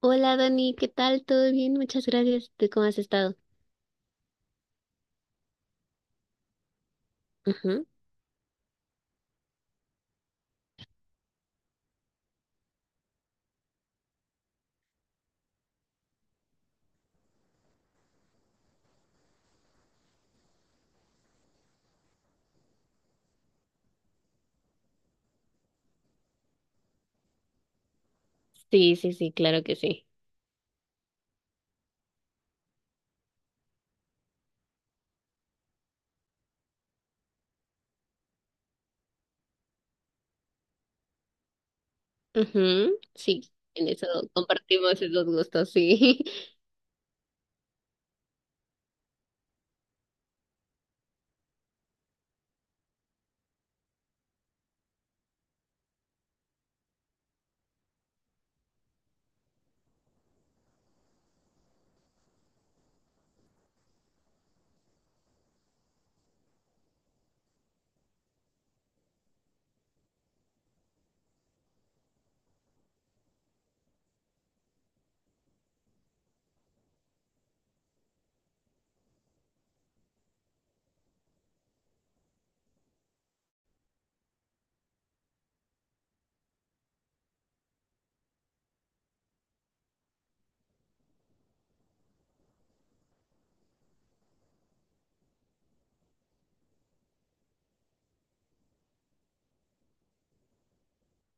Hola Dani, ¿qué tal? ¿Todo bien? Muchas gracias. ¿Tú cómo has estado? Ujú. Sí, sí, sí, claro que sí. Ujú, sí, en eso compartimos esos gustos, sí.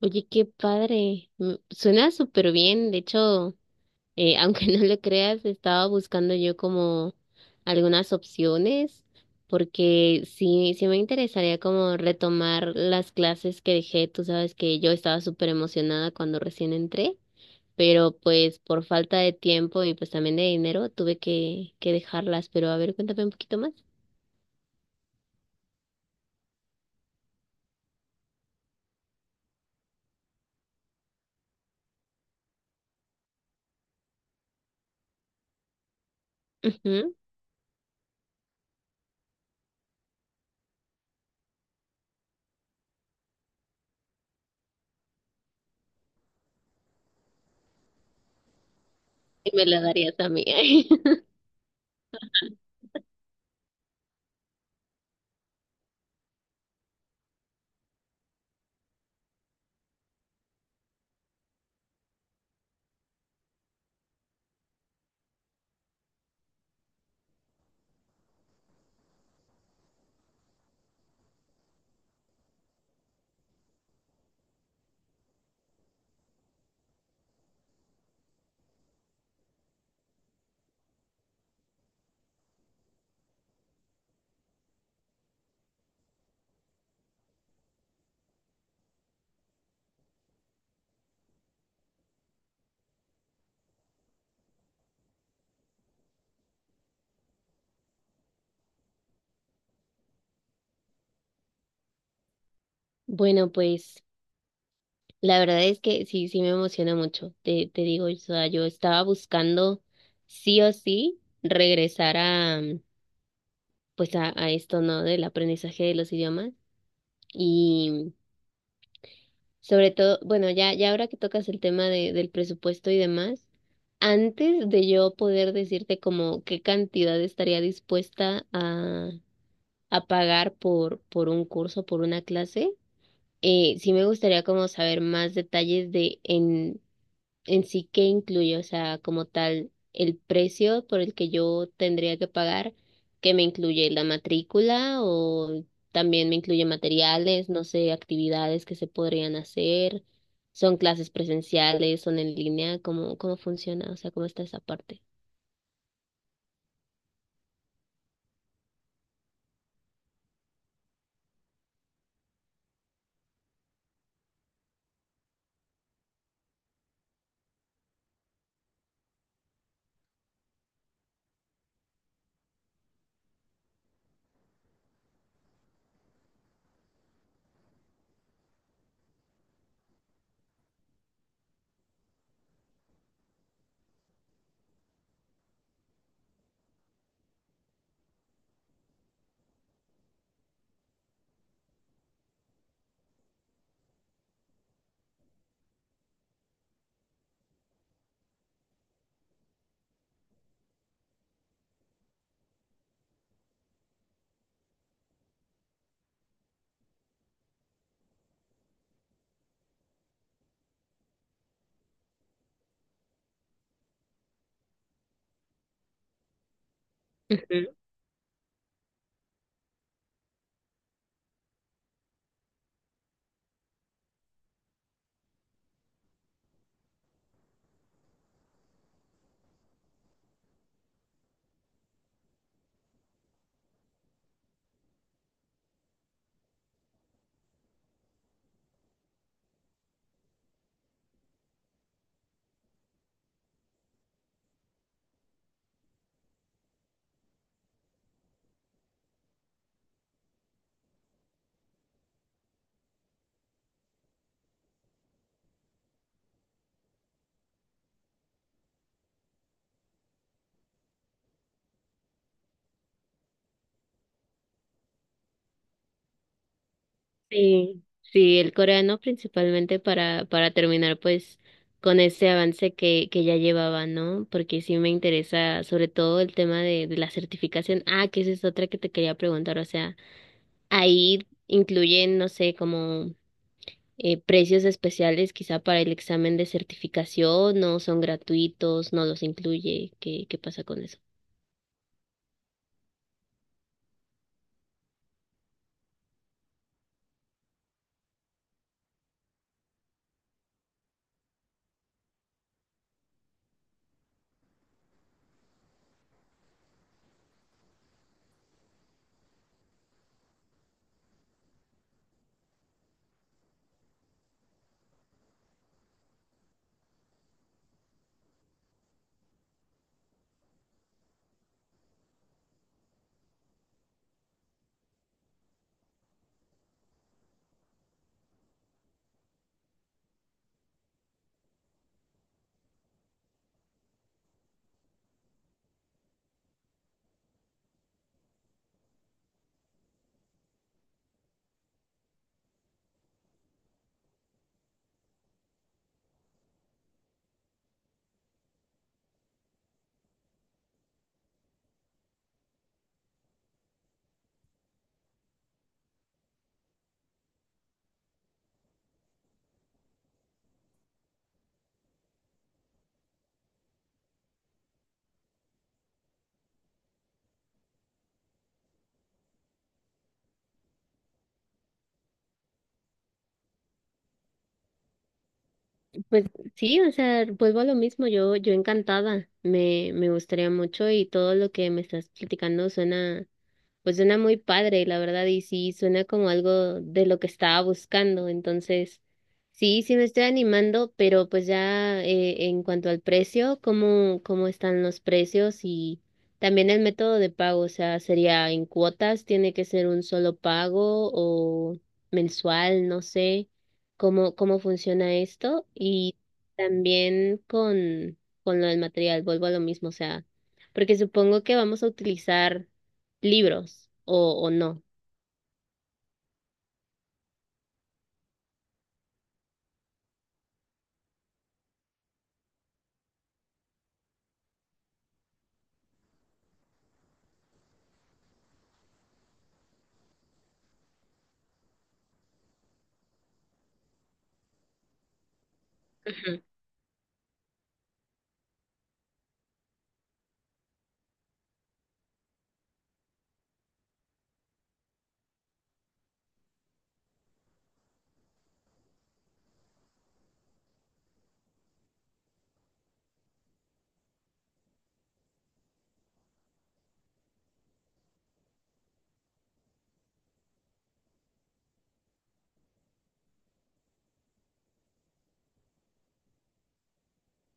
Oye, qué padre. Mm, suena súper bien. De hecho, aunque no lo creas, estaba buscando yo como algunas opciones, porque sí, sí me interesaría como retomar las clases que dejé. Tú sabes que yo estaba súper emocionada cuando recién entré, pero pues por falta de tiempo y pues también de dinero tuve que dejarlas, pero a ver, cuéntame un poquito más. Ujú. Y me la darías a mí. Bueno, pues la verdad es que sí, sí me emociona mucho. Te digo, o sea, yo estaba buscando sí o sí regresar a, pues a esto, ¿no? Del aprendizaje de los idiomas. Y sobre todo, bueno, ya, ya ahora que tocas el tema del presupuesto y demás, antes de yo poder decirte como qué cantidad estaría dispuesta a pagar por un curso, por una clase, sí me gustaría como saber más detalles de en sí qué incluye, o sea, como tal, el precio por el que yo tendría que pagar, que me incluye la matrícula o también me incluye materiales, no sé, actividades que se podrían hacer, son clases presenciales, son en línea, ¿cómo, cómo funciona? O sea, ¿cómo está esa parte? Sí, sí, el coreano principalmente para terminar pues con ese avance que ya llevaba, ¿no? Porque sí me interesa sobre todo el tema de la certificación. Ah, que esa es otra que te quería preguntar, o sea, ahí incluyen, no sé, como precios especiales quizá para el examen de certificación, ¿no son gratuitos, no los incluye, qué, qué pasa con eso? Pues sí, o sea, vuelvo a lo mismo, yo encantada, me gustaría mucho y todo lo que me estás platicando suena, pues suena muy padre, la verdad, y sí, suena como algo de lo que estaba buscando. Entonces, sí, sí me estoy animando, pero pues ya en cuanto al precio, ¿cómo, cómo están los precios y también el método de pago? O sea, ¿sería en cuotas? ¿Tiene que ser un solo pago o mensual? No sé cómo, cómo funciona esto. Y también con lo del material, vuelvo a lo mismo, o sea, porque supongo que vamos a utilizar libros o no. Ujú.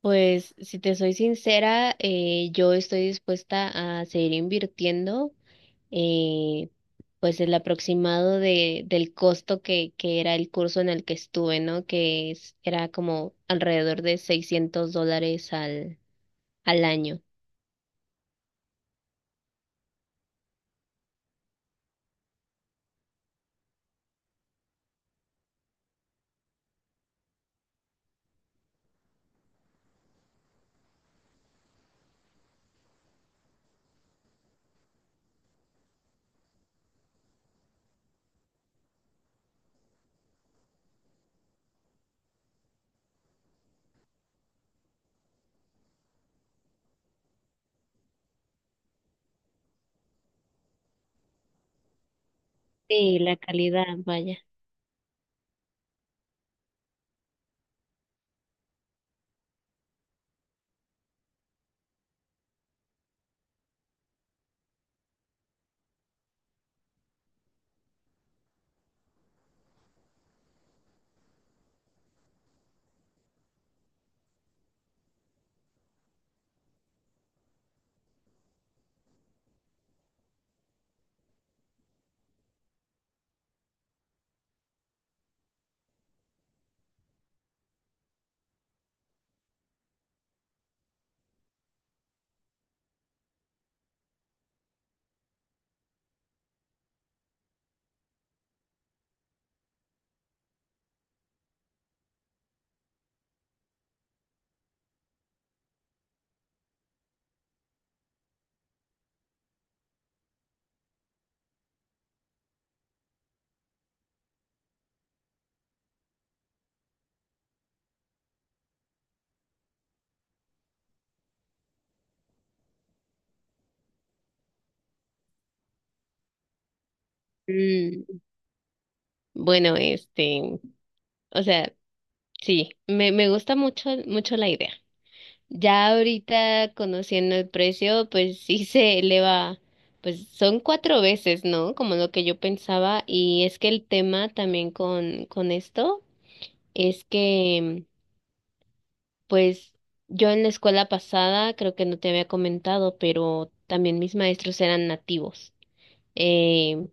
Pues si te soy sincera, yo estoy dispuesta a seguir invirtiendo, eh, pues el aproximado del costo que era el curso en el que estuve, ¿no? Era como alrededor de $600 al, al año. Sí, la calidad, vaya. Mm, bueno, este, o sea, sí, me gusta mucho, mucho la idea. Ya ahorita conociendo el precio, pues sí se eleva, pues son cuatro veces, ¿no? Como lo que yo pensaba. Y es que el tema también con esto es que, pues yo en la escuela pasada, creo que no te había comentado, pero también mis maestros eran nativos. Eh,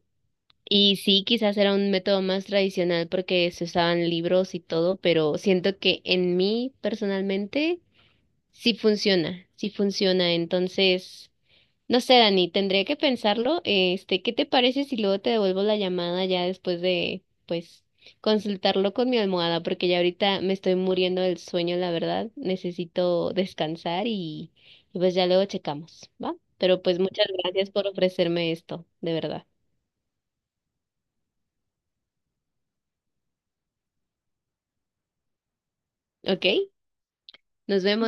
y sí, quizás era un método más tradicional porque se usaban libros y todo, pero siento que en mí personalmente sí funciona, sí funciona. Entonces, no sé, Dani, tendría que pensarlo. Este, ¿qué te parece si luego te devuelvo la llamada ya después de, pues, consultarlo con mi almohada? Porque ya ahorita me estoy muriendo del sueño, la verdad. Necesito descansar y pues ya luego checamos, ¿va? Pero pues muchas gracias por ofrecerme esto, de verdad. ¿Ok? Nos vemos.